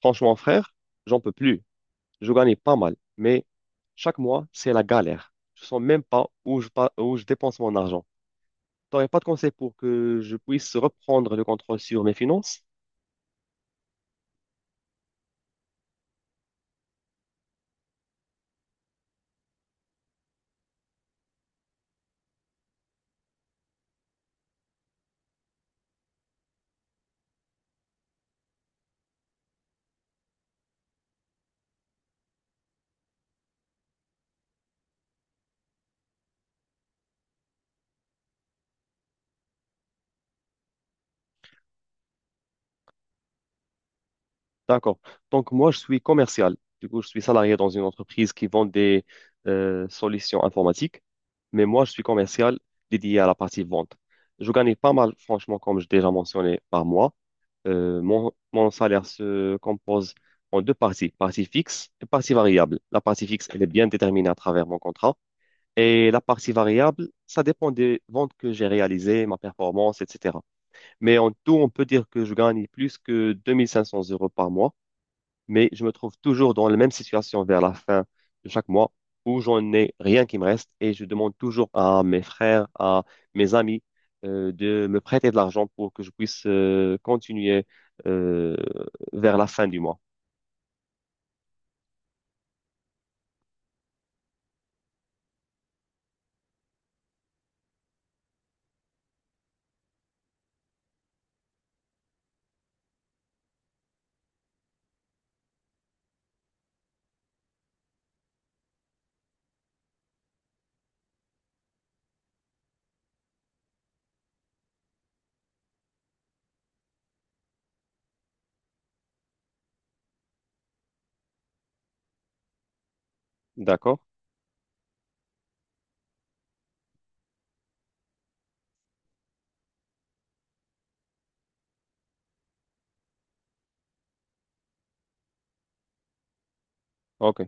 Franchement, frère, j'en peux plus. Je gagnais pas mal, mais chaque mois, c'est la galère. Je sens même pas où où je dépense mon argent. T'aurais pas de conseil pour que je puisse reprendre le contrôle sur mes finances? D'accord. Donc, moi, je suis commercial. Du coup, je suis salarié dans une entreprise qui vend des solutions informatiques. Mais moi, je suis commercial dédié à la partie vente. Je gagnais pas mal, franchement, comme je déjà mentionné, par mois. Mon salaire se compose en deux parties, partie fixe et partie variable. La partie fixe, elle est bien déterminée à travers mon contrat. Et la partie variable, ça dépend des ventes que j'ai réalisées, ma performance, etc. Mais en tout, on peut dire que je gagne plus que 2500 € par mois, mais je me trouve toujours dans la même situation vers la fin de chaque mois où j'en ai rien qui me reste, et je demande toujours à mes frères, à mes amis de me prêter de l'argent pour que je puisse continuer euh, vers la fin du mois. D'accord? Ok.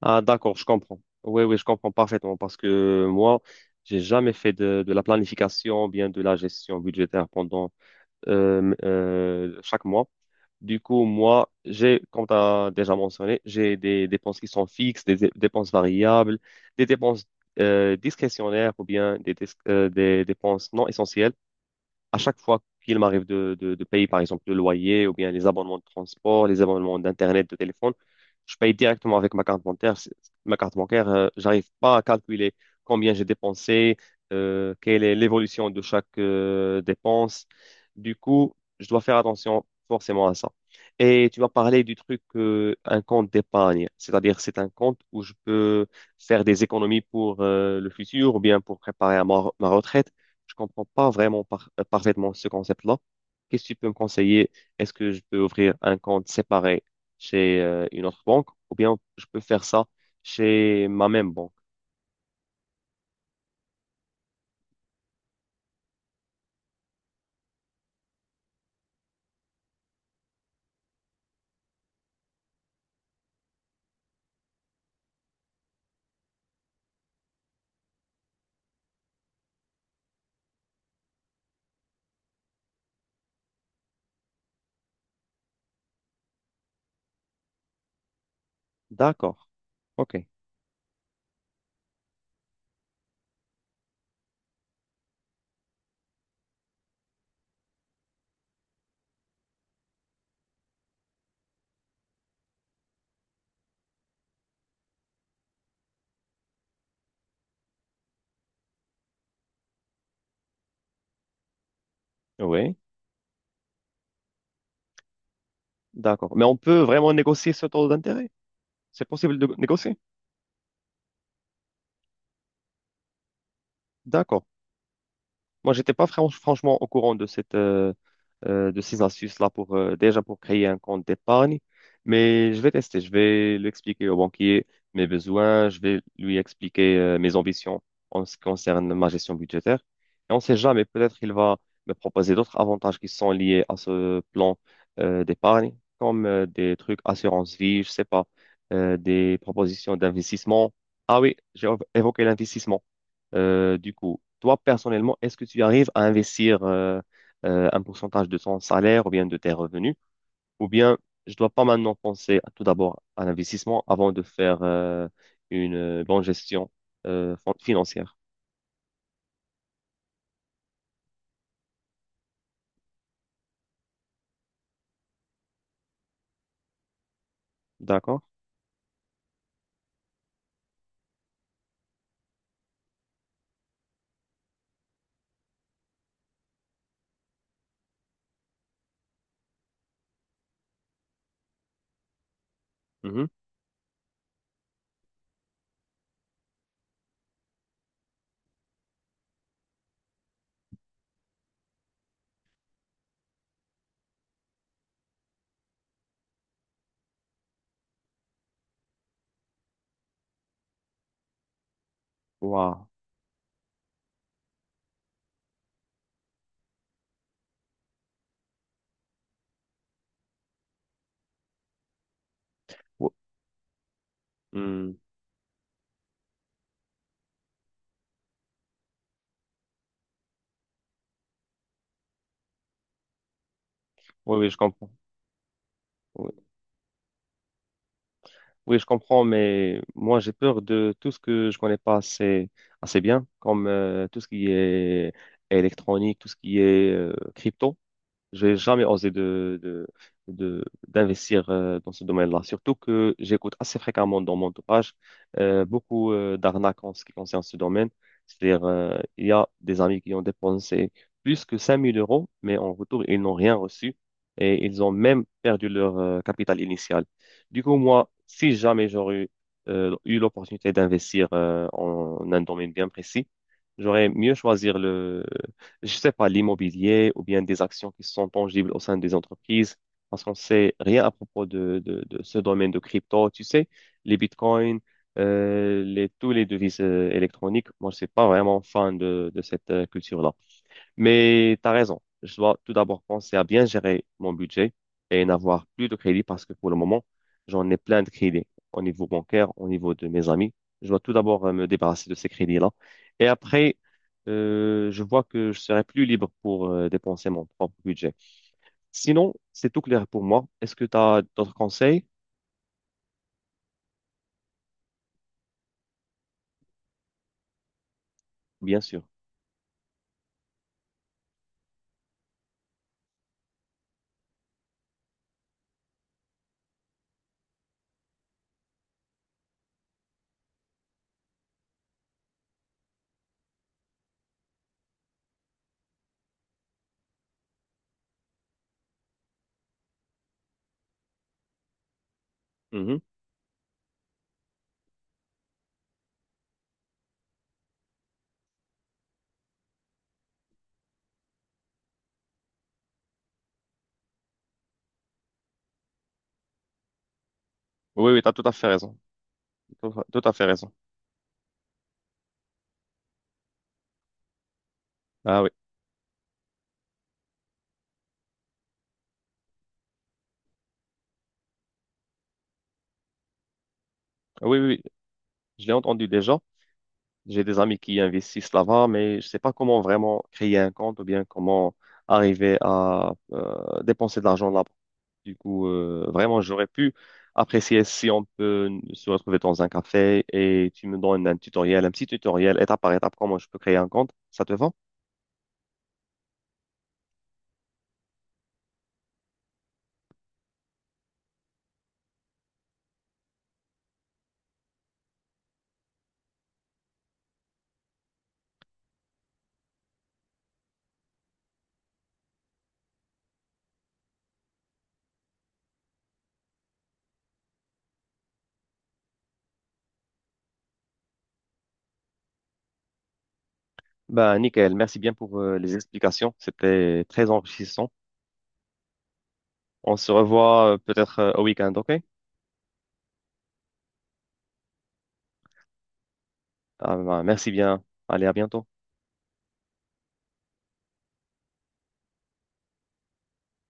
Ah, d'accord, je comprends. Oui, oui, je comprends parfaitement parce que moi, j'ai jamais fait de la planification, bien de la gestion budgétaire pendant chaque mois. Du coup, moi, j'ai, comme tu as déjà mentionné, j'ai des dépenses qui sont fixes, des dépenses variables, des dépenses discrétionnaires ou bien des dépenses non essentielles à chaque fois qu'il m'arrive de payer, par exemple, le loyer ou bien les abonnements de transport, les abonnements d'Internet, de téléphone, je paye directement avec ma carte bancaire. Ma carte bancaire, j'arrive pas à calculer combien j'ai dépensé, quelle est l'évolution de chaque dépense. Du coup, je dois faire attention forcément à ça. Et tu m'as parlé du truc, un compte d'épargne, c'est-à-dire c'est un compte où je peux faire des économies pour le futur ou bien pour préparer à ma retraite. Je comprends pas vraiment parfaitement ce concept-là. Qu'est-ce que tu peux me conseiller? Est-ce que je peux ouvrir un compte séparé chez une autre banque ou bien je peux faire ça chez ma même banque? D'accord. OK. Oui. D'accord. Mais on peut vraiment négocier ce taux d'intérêt? C'est possible de négocier? D'accord. Moi, j'étais pas franchement au courant de de ces astuces-là pour déjà pour créer un compte d'épargne, mais je vais tester. Je vais l'expliquer au banquier mes besoins. Je vais lui expliquer mes ambitions en ce qui concerne ma gestion budgétaire. Et on ne sait jamais, peut-être il va me proposer d'autres avantages qui sont liés à ce plan d'épargne, comme des trucs assurance vie, je sais pas, des propositions d'investissement. Ah oui, j'ai évoqué l'investissement. Du coup, toi, personnellement, est-ce que tu arrives à investir un pourcentage de ton salaire ou bien de tes revenus? Ou bien, je dois pas maintenant penser à- tout d'abord à l'investissement avant de faire une bonne gestion financière. D'accord? Mhm. Waouh. Ou- hmm. Oui, oui, je comprends. Oui. Oui, je comprends, mais moi, j'ai peur de tout ce que je connais pas assez, assez bien, comme tout ce qui est électronique, tout ce qui est crypto. J'ai jamais osé d'investir dans ce domaine-là. Surtout que j'écoute assez fréquemment dans mon entourage beaucoup d'arnaques en ce qui concerne ce domaine. C'est-à-dire, il y a des amis qui ont dépensé plus que 5000 euros, mais en retour, ils n'ont rien reçu et ils ont même perdu leur capital initial. Du coup, moi, si jamais j'aurais eu l'opportunité d'investir en un domaine bien précis, j'aurais mieux choisir, je sais pas, l'immobilier ou bien des actions qui sont tangibles au sein des entreprises, parce qu'on sait rien à propos de ce domaine de crypto. Tu sais, les bitcoins, tous les devises électroniques, moi, je suis pas vraiment fan de cette culture-là. Mais tu as raison. Je dois tout d'abord penser à bien gérer mon budget et n'avoir plus de crédit parce que pour le moment, j'en ai plein de crédits au niveau bancaire, au niveau de mes amis. Je dois tout d'abord me débarrasser de ces crédits-là. Et après, je vois que je serai plus libre pour dépenser mon propre budget. Sinon, c'est tout clair pour moi. Est-ce que tu as d'autres conseils? Bien sûr. Mhm. Oui, oui, tu as tout à fait raison. Tout à tout à fait raison. Ah oui, oui, oui, oui. Je l'ai entendu déjà. J'ai des amis qui investissent là-bas, mais je sais pas comment vraiment créer un compte ou bien comment arriver à dépenser de l'argent là-bas. Du coup, vraiment, j'aurais pu apprécier si on peut se retrouver dans un café et tu me donnes un tutoriel, un petit tutoriel, étape par étape, comment je peux créer un compte. Ça te va? Bah, nickel. Merci bien pour les explications. C'était très enrichissant. On se revoit peut-être au week-end, ok? Ah, bah, merci bien. Allez, à bientôt.